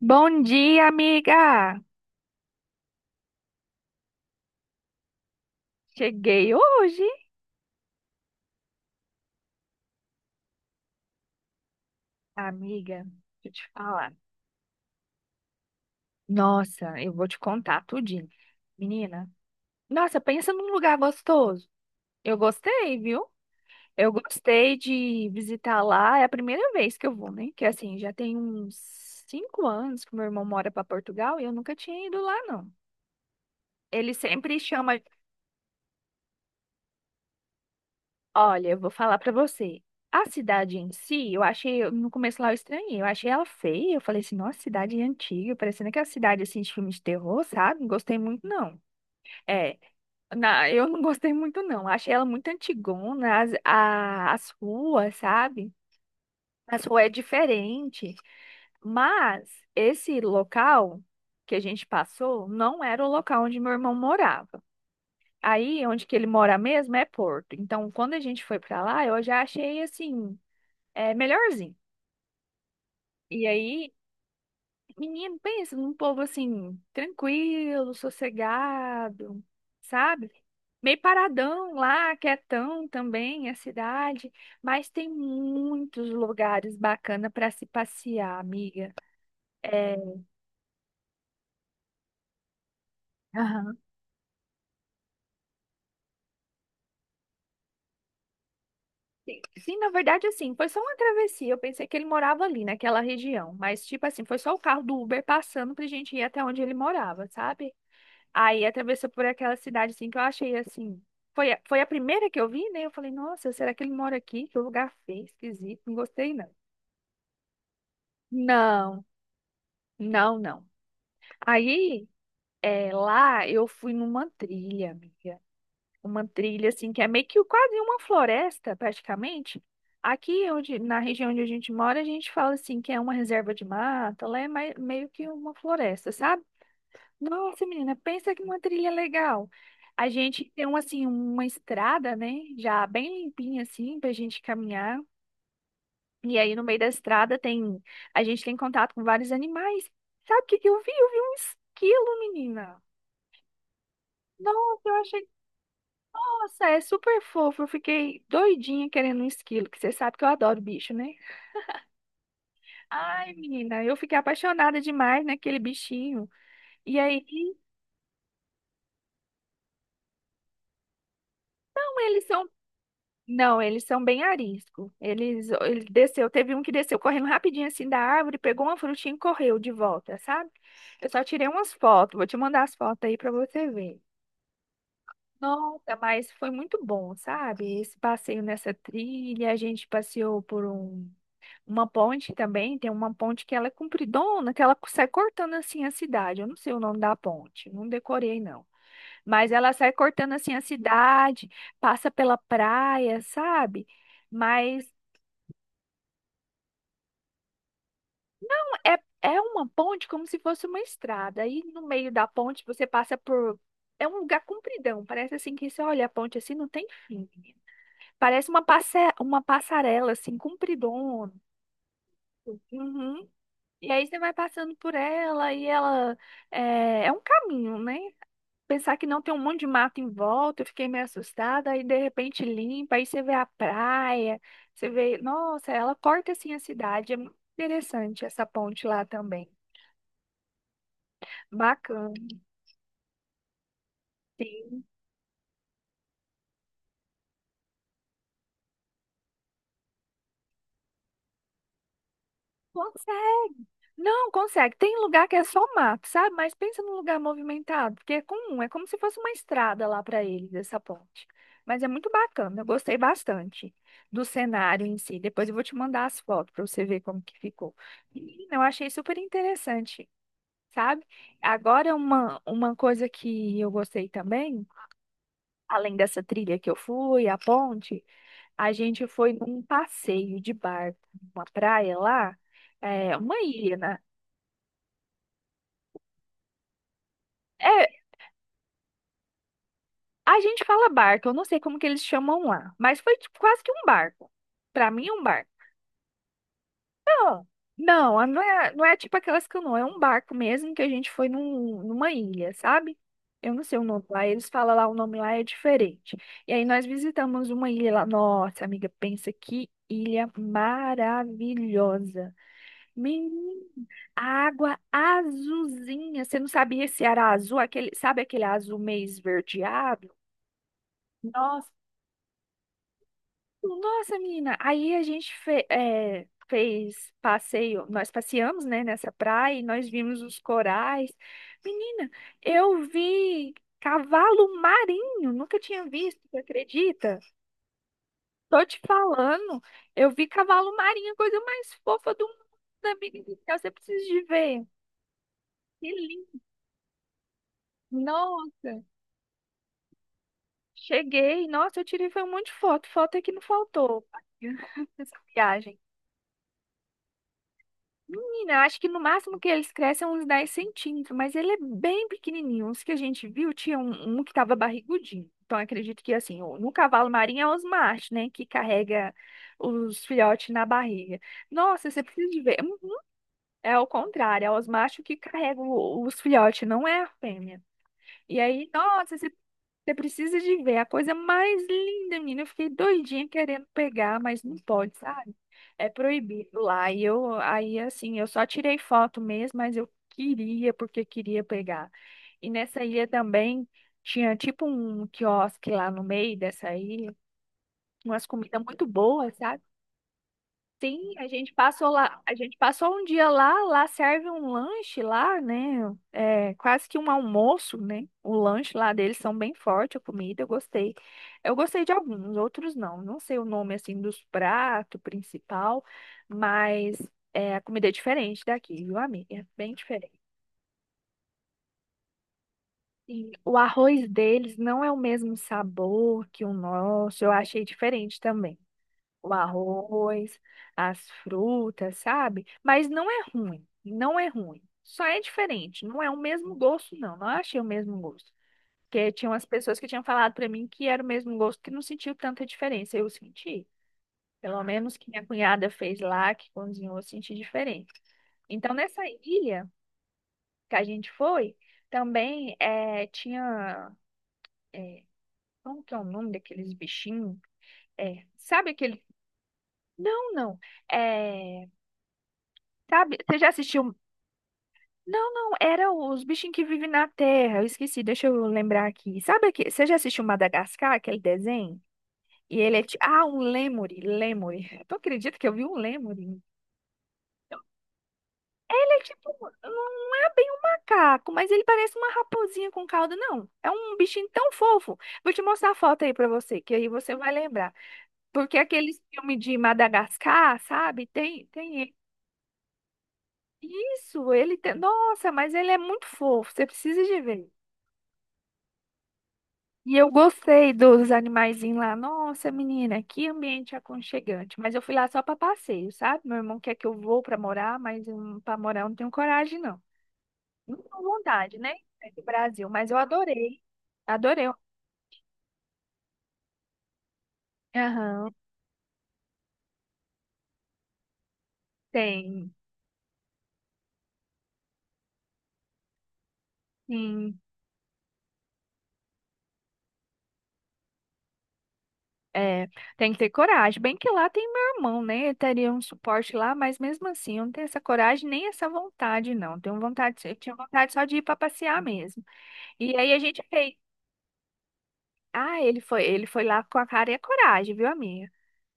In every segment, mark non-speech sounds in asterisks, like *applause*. Bom dia, amiga! Cheguei hoje, amiga. Deixa eu te falar. Nossa, eu vou te contar tudinho. Menina, nossa, pensa num lugar gostoso. Eu gostei, viu? Eu gostei de visitar lá. É a primeira vez que eu vou, né? Que assim, já tem uns 5 anos que meu irmão mora para Portugal e eu nunca tinha ido lá, não. Ele sempre chama. Olha, eu vou falar pra você. A cidade em si, eu achei, no começo lá eu estranhei, eu achei ela feia, eu falei assim, nossa, cidade antiga, parecendo aquela cidade assim de filme de terror, sabe? Não gostei muito não. É, eu não gostei muito não, achei ela muito antigona, as ruas, sabe? As ruas é diferente, mas esse local que a gente passou não era o local onde meu irmão morava. Aí, onde que ele mora mesmo é Porto. Então, quando a gente foi pra lá, eu já achei assim é melhorzinho. E aí, menino, pensa num povo assim, tranquilo, sossegado, sabe? Meio paradão lá, quietão também, a cidade, mas tem muitos lugares bacanas para se passear, amiga. É, aham. Sim, sim, na verdade, assim, foi só uma travessia. Eu pensei que ele morava ali, naquela região, mas, tipo assim, foi só o carro do Uber passando pra gente ir até onde ele morava, sabe? Aí atravessou por aquela cidade assim que eu achei assim. Foi a primeira que eu vi, né? Eu falei, nossa, será que ele mora aqui? Que lugar feio, esquisito, não gostei não. Não, não, não. Aí lá eu fui numa trilha, amiga. Uma trilha assim que é meio que quase uma floresta, praticamente. Aqui onde, na região onde a gente mora, a gente fala assim que é uma reserva de mata, lá é meio que uma floresta, sabe? Nossa, menina, pensa que uma trilha legal. A gente tem uma, assim, uma estrada, né? Já bem limpinha, assim, pra gente caminhar. E aí, no meio da estrada, tem. A gente tem contato com vários animais. Sabe o que que eu vi? Eu vi um esquilo, menina. Nossa, eu achei. Nossa, é super fofo. Eu fiquei doidinha querendo um esquilo, que você sabe que eu adoro bicho, né? Ai, menina, eu fiquei apaixonada demais naquele bichinho. E aí, como eles são. Não, eles são bem arisco. Eles, ele desceu, teve um que desceu correndo rapidinho assim da árvore, pegou uma frutinha e correu de volta, sabe? Eu só tirei umas fotos, vou te mandar as fotos aí pra você ver. Nossa, mas foi muito bom, sabe? Esse passeio nessa trilha, a gente passeou por uma ponte também, tem uma ponte que ela é compridona, que ela sai cortando assim a cidade. Eu não sei o nome da ponte, não decorei não. Mas ela sai cortando assim a cidade, passa pela praia, sabe? Mas é, é uma ponte como se fosse uma estrada. Aí no meio da ponte você passa por. É um lugar compridão. Parece assim que você olha a ponte assim, não tem fim. Parece uma passarela, assim, compridona. Uhum. E aí você vai passando por ela e ela. É um caminho, né? Pensar que não tem um monte de mato em volta, eu fiquei meio assustada. Aí de repente limpa, aí você vê a praia, você vê. Nossa, ela corta assim a cidade. É muito interessante essa ponte lá também. Bacana. Sim. Consegue. Não, consegue. Tem lugar que é só mato, sabe? Mas pensa num lugar movimentado, porque é comum, é como se fosse uma estrada lá para eles, essa ponte. Mas é muito bacana, eu gostei bastante do cenário em si. Depois eu vou te mandar as fotos para você ver como que ficou. Menina, eu achei super interessante, sabe? Agora uma coisa que eu gostei também, além dessa trilha que eu fui, a ponte, a gente foi num passeio de barco, uma praia lá, é, uma ilha, né? É, a gente fala barco, eu não sei como que eles chamam lá, mas foi tipo, quase que um barco. Pra mim, um barco. Não, não, não é tipo aquelas canoas, é um barco mesmo que a gente foi numa ilha, sabe? Eu não sei o nome lá, eles falam lá, o nome lá é diferente. E aí nós visitamos uma ilha lá. Nossa, amiga, pensa que ilha maravilhosa. Menina, a água azulzinha. Você não sabia se era azul, aquele, sabe aquele azul meio esverdeado? Nossa. Nossa, menina, aí a gente fez passeio, nós passeamos, né, nessa praia e nós vimos os corais. Menina, eu vi cavalo marinho, nunca tinha visto, você acredita? Tô te falando, eu vi cavalo marinho, a coisa mais fofa do mundo, amiga do céu, você precisa de ver. Que lindo. Nossa, cheguei, nossa, eu tirei foi um monte de foto, foto é que não faltou *laughs* nessa viagem. Menina, acho que no máximo que eles crescem é uns 10 centímetros, mas ele é bem pequenininho. Os que a gente viu, tinha um, um que estava barrigudinho. Então, acredito que, assim, no cavalo marinho é os machos, né, que carrega os filhotes na barriga. Nossa, você precisa de ver. É ao contrário, é os machos que carregam os filhotes, não é a fêmea. E aí, nossa, você precisa de ver a coisa mais linda, menina. Eu fiquei doidinha querendo pegar, mas não pode, sabe? É proibido lá. E eu, aí, assim, eu só tirei foto mesmo, mas eu queria, porque queria pegar. E nessa ilha também tinha tipo um quiosque lá no meio dessa ilha, umas comidas muito boas, sabe? Sim, a gente passou lá, a gente passou um dia lá, lá serve um lanche lá, né? É quase que um almoço, né? O lanche lá deles são bem forte, a comida, eu gostei. Eu gostei de alguns, outros não. Não sei o nome assim dos pratos principal, mas é, a comida é diferente daqui, viu, amiga? É bem diferente. Sim, o arroz deles não é o mesmo sabor que o nosso, eu achei diferente também. O arroz, as frutas, sabe? Mas não é ruim, não é ruim. Só é diferente, não é o mesmo gosto, não. Não achei o mesmo gosto. Porque tinha umas pessoas que tinham falado pra mim que era o mesmo gosto, que não sentiu tanta diferença. Eu senti. Pelo menos que minha cunhada fez lá, que cozinhou, eu senti diferente. Então, nessa ilha que a gente foi, também é, tinha. Como que é o nome daqueles bichinhos? É, sabe aquele. Não, não. É, sabe, você já assistiu. Não, não, era os bichinhos que vivem na terra. Eu esqueci, deixa eu lembrar aqui. Sabe aquele. Você já assistiu Madagascar, aquele desenho? E ele é tipo. Ah, um lêmure, lêmure. *laughs* Tu acredita que eu vi um lêmure? Ele é tipo. Não é bem um macaco, mas ele parece uma raposinha com cauda, não. É um bichinho tão fofo. Vou te mostrar a foto aí pra você, que aí você vai lembrar. Porque aqueles filmes de Madagascar, sabe? Tem ele. Isso, ele tem. Nossa, mas ele é muito fofo. Você precisa de ver. E eu gostei dos animaizinhos lá. Nossa, menina, que ambiente aconchegante. Mas eu fui lá só para passeio, sabe? Meu irmão quer que eu vou para morar, mas para morar eu não tenho coragem, não. Não tenho vontade, né? É do Brasil, mas eu adorei. Adorei. Aham, tem, sim. É, tem que ter coragem. Bem que lá tem meu irmão, né? Eu teria um suporte lá, mas mesmo assim, eu não tenho essa coragem nem essa vontade, não. Tenho vontade, eu tinha vontade só de ir para passear mesmo. E aí a gente fez. Ah, ele foi lá com a cara e a coragem, viu, amiga?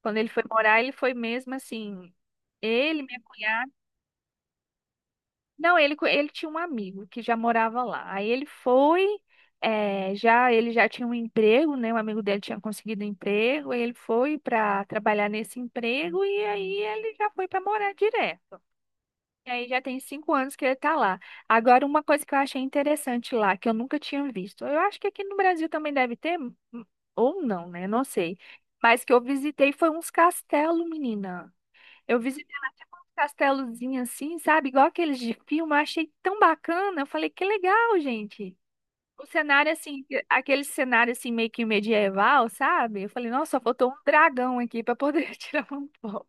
Quando ele foi morar, ele foi mesmo assim. Ele, minha cunhada. Não, ele, ele tinha um amigo que já morava lá. Aí ele foi, já ele já tinha um emprego, né? Um amigo dele tinha conseguido um emprego. Aí ele foi para trabalhar nesse emprego e aí ele já foi para morar direto. E aí já tem 5 anos que ele tá lá. Agora, uma coisa que eu achei interessante lá, que eu nunca tinha visto. Eu acho que aqui no Brasil também deve ter, ou não, né? Não sei. Mas que eu visitei foi uns castelos, menina. Eu visitei um castelozinho assim, sabe? Igual aqueles de filme. Eu achei tão bacana. Eu falei, que legal, gente. O cenário, assim, que- aquele cenário, assim, meio que medieval, sabe? Eu falei, nossa, só faltou um dragão aqui pra poder *laughs* tirar uma foto.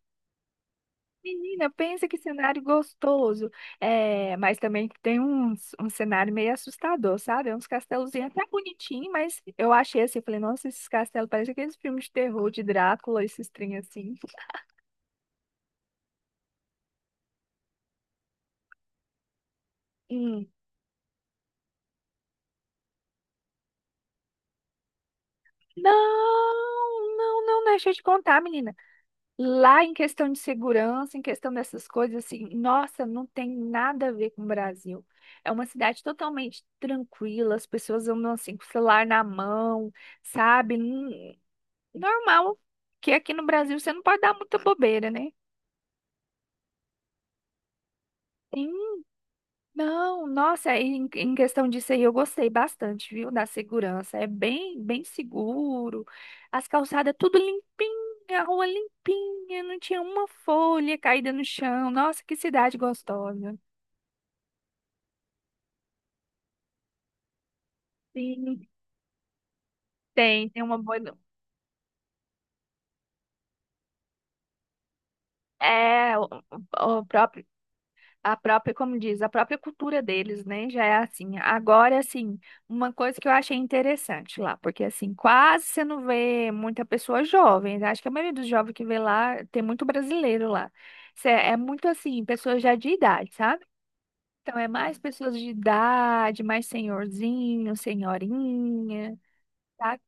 Menina, pensa que cenário gostoso. É, mas também tem uns, um cenário meio assustador, sabe? É uns castelozinhos até bonitinho, mas eu achei assim, eu falei, nossa, esses castelos parecem aqueles filmes de terror de Drácula, esses trem assim. Hum. Não, não, não, deixa eu te contar, menina. Lá em questão de segurança, em questão dessas coisas, assim, nossa, não tem nada a ver com o Brasil. É uma cidade totalmente tranquila, as pessoas andam assim com o celular na mão, sabe? Normal, que aqui no Brasil você não pode dar muita bobeira, né? Sim, não, nossa, aí em questão disso aí eu gostei bastante, viu, da segurança. É bem, bem seguro, as calçadas tudo limpinha, a rua limpinha, não tinha uma folha caída no chão. Nossa, que cidade gostosa. Sim, tem uma boa. É, o próprio. A própria, como diz, a própria cultura deles, né? Já é assim. Agora, assim, uma coisa que eu achei interessante lá, porque assim, quase você não vê muita pessoa jovem, né? Acho que a maioria dos jovens que vê lá tem muito brasileiro lá. É muito assim, pessoas já de idade, sabe? Então é mais pessoas de idade, mais senhorzinho, senhorinha, tá?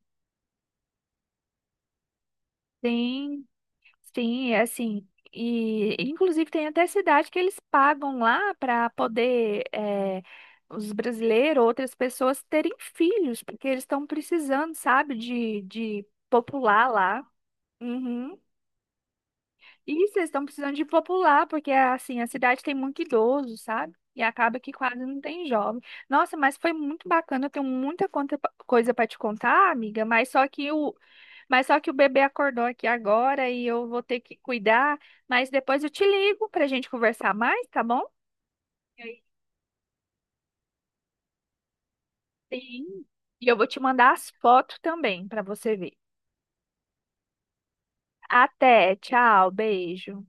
Tem. Sim, é assim, e inclusive tem até cidade que eles pagam lá para poder os brasileiros, outras pessoas terem filhos, porque eles estão precisando, sabe, de popular lá. Uhum. Isso, eles estão precisando de popular, porque assim, a cidade tem muito idoso, sabe? E acaba que quase não tem jovem. Nossa, mas foi muito bacana, eu tenho muita coisa para te contar, amiga, mas só que o, bebê acordou aqui agora e eu vou ter que cuidar, mas depois eu te ligo pra gente conversar mais, tá bom? Sim. E eu vou te mandar as fotos também pra você ver. Até, tchau, beijo.